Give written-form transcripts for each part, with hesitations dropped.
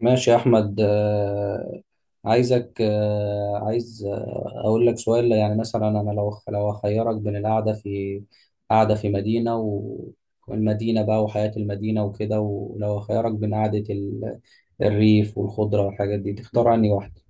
ماشي يا أحمد، عايزك آه، عايز آه، أقول لك سؤال. يعني مثلا أنا لو أخيرك بين القعدة في قعدة في مدينة والمدينة بقى وحياة المدينة وكده، ولو أخيرك بين قعدة الريف والخضرة والحاجات دي، تختار أنهي واحدة؟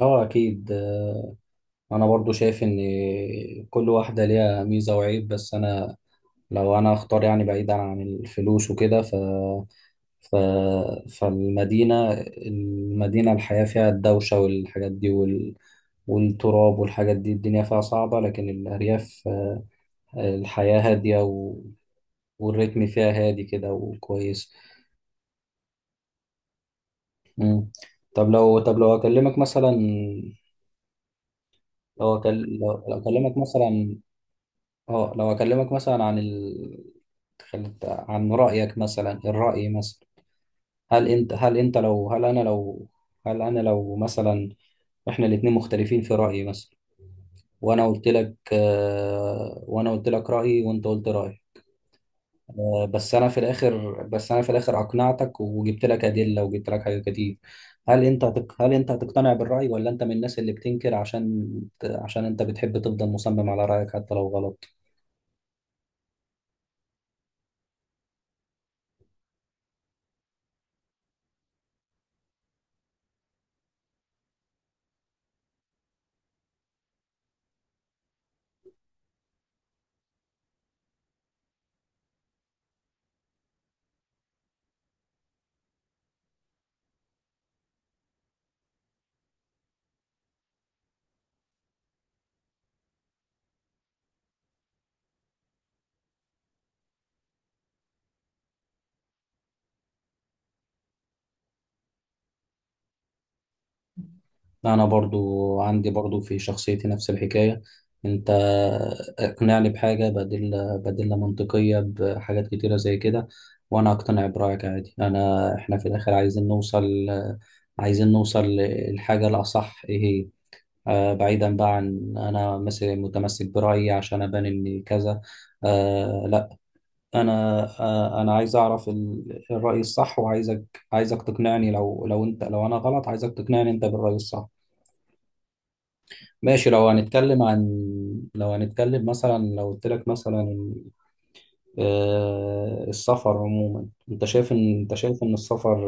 أه أكيد. أنا برضو شايف إن كل واحدة ليها ميزة وعيب، بس أنا لو أنا أختار يعني بعيدا عن الفلوس وكده. ف ف... فالمدينة المدينة الحياة فيها الدوشة والحاجات دي والتراب والحاجات دي، الدنيا فيها صعبة، لكن الأرياف الحياة هادية والريتم فيها هادي كده وكويس. مم. طب لو أكلمك مثلا، لو أكل... لو... لو أكلمك مثلا اه لو أكلمك مثلا عن عن رأيك مثلا، الرأي مثلا. هل انت هل انت لو هل انا لو هل انا لو مثلا احنا الاتنين مختلفين في رأيي مثلا، وانا قلت لك رأيي وانت قلت رأيي. بس انا في الاخر اقنعتك وجبت لك أدلة وجبت لك حاجات كتير. هل انت هتقتنع بالرأي ولا انت من الناس اللي بتنكر عشان انت بتحب تفضل مصمم على رأيك حتى لو غلط؟ انا برضو عندي برضو في شخصيتي نفس الحكاية. انت اقنعني بحاجة بديلة منطقية بحاجات كتيرة زي كده، وانا اقتنع برأيك عادي. احنا في الاخر عايزين نوصل للحاجة الاصح ايه هي. بعيدا بقى عن انا مثلا متمسك برأيي عشان ابان ان كذا، آه لا. انا عايز اعرف الرأي الصح، وعايزك عايزك تقنعني. لو انا غلط عايزك تقنعني انت بالرأي الصح. ماشي، لو هنتكلم عن لو هنتكلم مثلا لو قلت لك مثلا، السفر عموما انت شايف ان السفر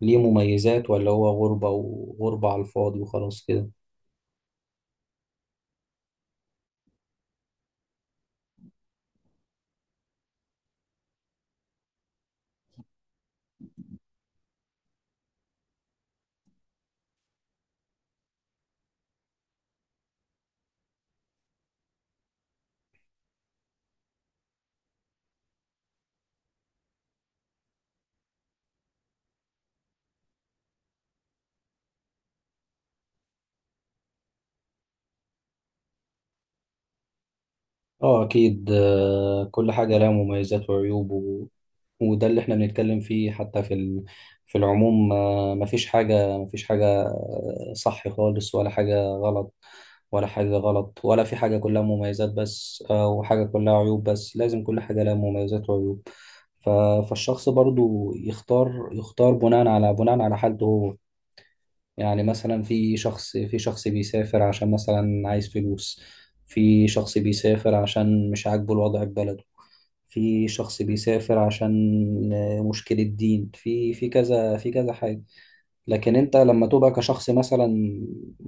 ليه مميزات ولا هو غربة وغربة على الفاضي وخلاص كده؟ اه اكيد. كل حاجه لها مميزات وعيوب وده اللي احنا بنتكلم فيه حتى في العموم. مفيش حاجه صح خالص ولا حاجه غلط، ولا في حاجه كلها مميزات بس، وحاجه كلها عيوب بس، لازم كل حاجه لها مميزات وعيوب. ف... فالشخص برضو يختار بناء على حالته هو. يعني مثلا في شخص بيسافر عشان مثلا عايز فلوس، في شخص بيسافر عشان مش عاجبه الوضع في بلده، في شخص بيسافر عشان مشكلة دين في في كذا في كذا حاجة. لكن انت لما تبقى كشخص مثلا،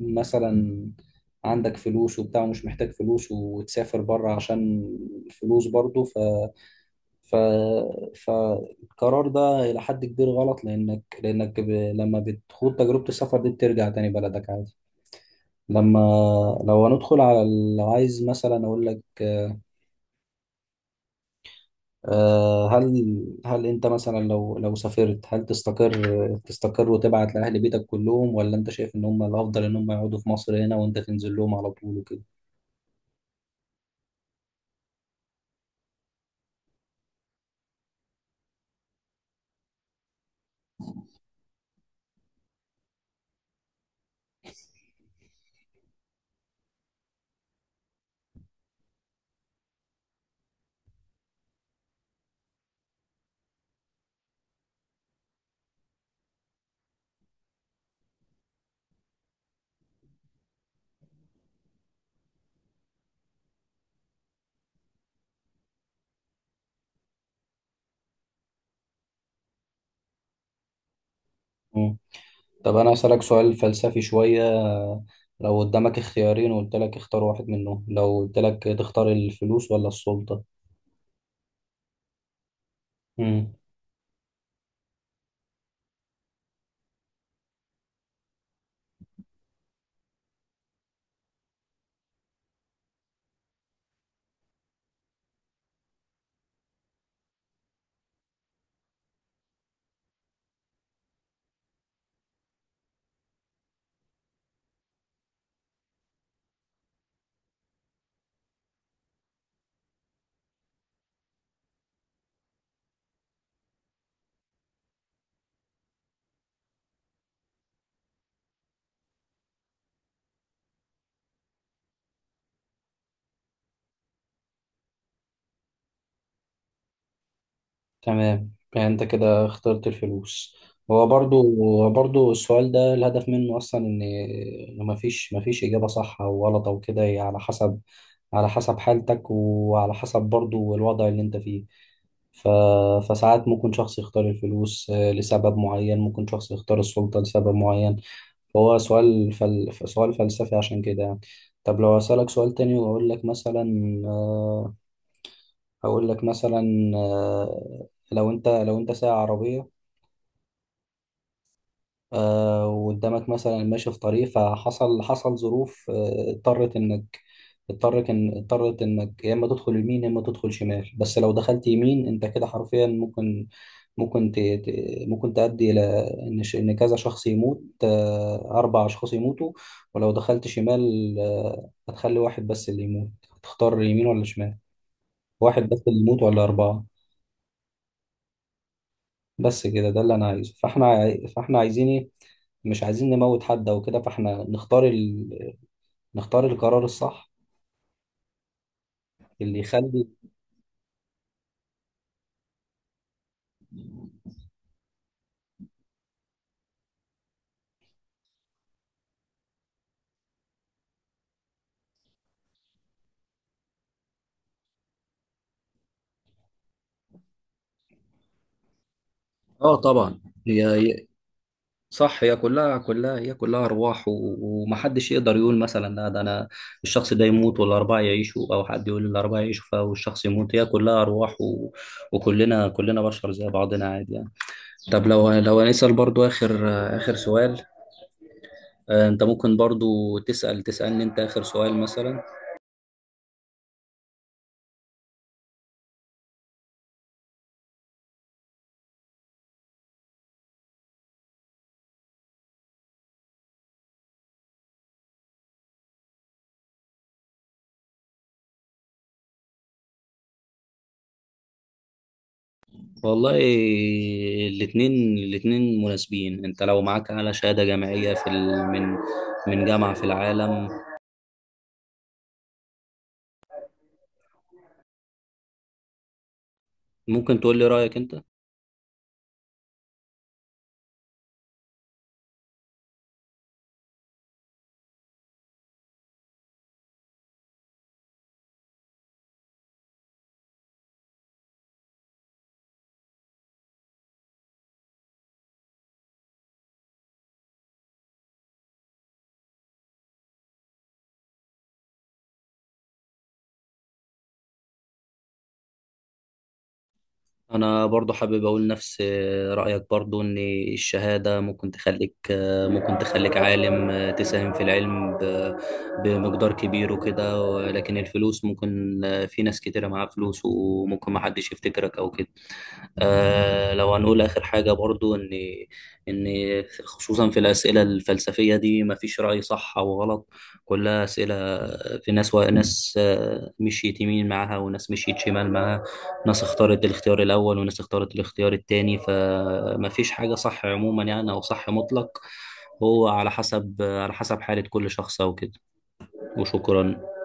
مثلا عندك فلوس وبتاع ومش محتاج فلوس وتسافر بره عشان فلوس برضه. ف... فالقرار ده إلى حد كبير غلط، لأنك لما بتخوض تجربة السفر دي بترجع تاني بلدك عادي. لما لو هندخل على ال- لو عايز مثلا أقول لك، هل أنت مثلا لو سافرت هل تستقر، وتبعت لأهل بيتك كلهم، ولا أنت شايف إن هم الأفضل إن هم يقعدوا في مصر هنا وأنت تنزل لهم على طول وكده؟ مم. طب أنا أسألك سؤال فلسفي شوية، لو قدامك اختيارين وقلت لك اختار واحد منهم، لو قلت لك تختار الفلوس ولا السلطة؟ مم. تمام، يعني انت كده اخترت الفلوس. هو برضو برضو السؤال ده الهدف منه اصلا إن مفيش اجابة صح او غلط او كده، هي على حسب، حالتك وعلى حسب برضو الوضع اللي انت فيه. ف... فساعات ممكن شخص يختار الفلوس لسبب معين، ممكن شخص يختار السلطة لسبب معين، فهو سؤال سؤال فلسفي عشان كده يعني. طب لو أسألك سؤال تاني وأقول لك مثلا، هقول لك مثلا، لو انت سايق عربيه، وقدامك مثلا ماشي في طريق، حصل ظروف اضطرت انك يا اما تدخل يمين يا اما تدخل شمال. بس لو دخلت يمين انت كده حرفيا ممكن تؤدي الى ان كذا شخص يموت، اربع اشخاص يموتوا، ولو دخلت شمال هتخلي واحد بس اللي يموت. تختار يمين ولا شمال؟ واحد بس اللي يموت ولا اربعه؟ بس كده ده اللي انا عايزه، فاحنا عايزين ايه؟ مش عايزين نموت حد او كده، فاحنا نختار القرار الصح اللي يخلي. اه طبعا. هي هي- صح، هي كلها ارواح، ومحدش يقدر يقول مثلا لا، ده الشخص ده يموت والاربعه يعيشوا، او حد يقول الاربعه يعيشوا فالشخص يموت، هي كلها ارواح وكلنا بشر زي بعضنا عادي يعني. طب لو هنسال برضو اخر، اخر سؤال. انت ممكن برضو تسالني انت اخر سؤال مثلا. والله الاثنين مناسبين. انت لو معاك اعلى شهادة جامعية من جامعة في العالم، ممكن تقول لي رأيك انت. انا برضو حابب اقول نفس رأيك برضو، ان الشهادة ممكن تخليك، عالم تساهم في العلم بمقدار كبير وكده، ولكن الفلوس ممكن في ناس كتيرة معاها فلوس وممكن ما حدش يفتكرك او كده. لو هنقول آخر حاجة برضو إن خصوصا في الأسئلة الفلسفية دي مفيش رأي صح أو غلط، كلها أسئلة. في ناس وناس مشيت يمين معاها، وناس مشيت شمال معاها، ناس اختارت الاختيار الأول وناس اختارت الاختيار التاني، فمفيش حاجة صح عموما يعني، أو صح مطلق. هو على حسب، حالة كل شخص أو كده. وشكرا.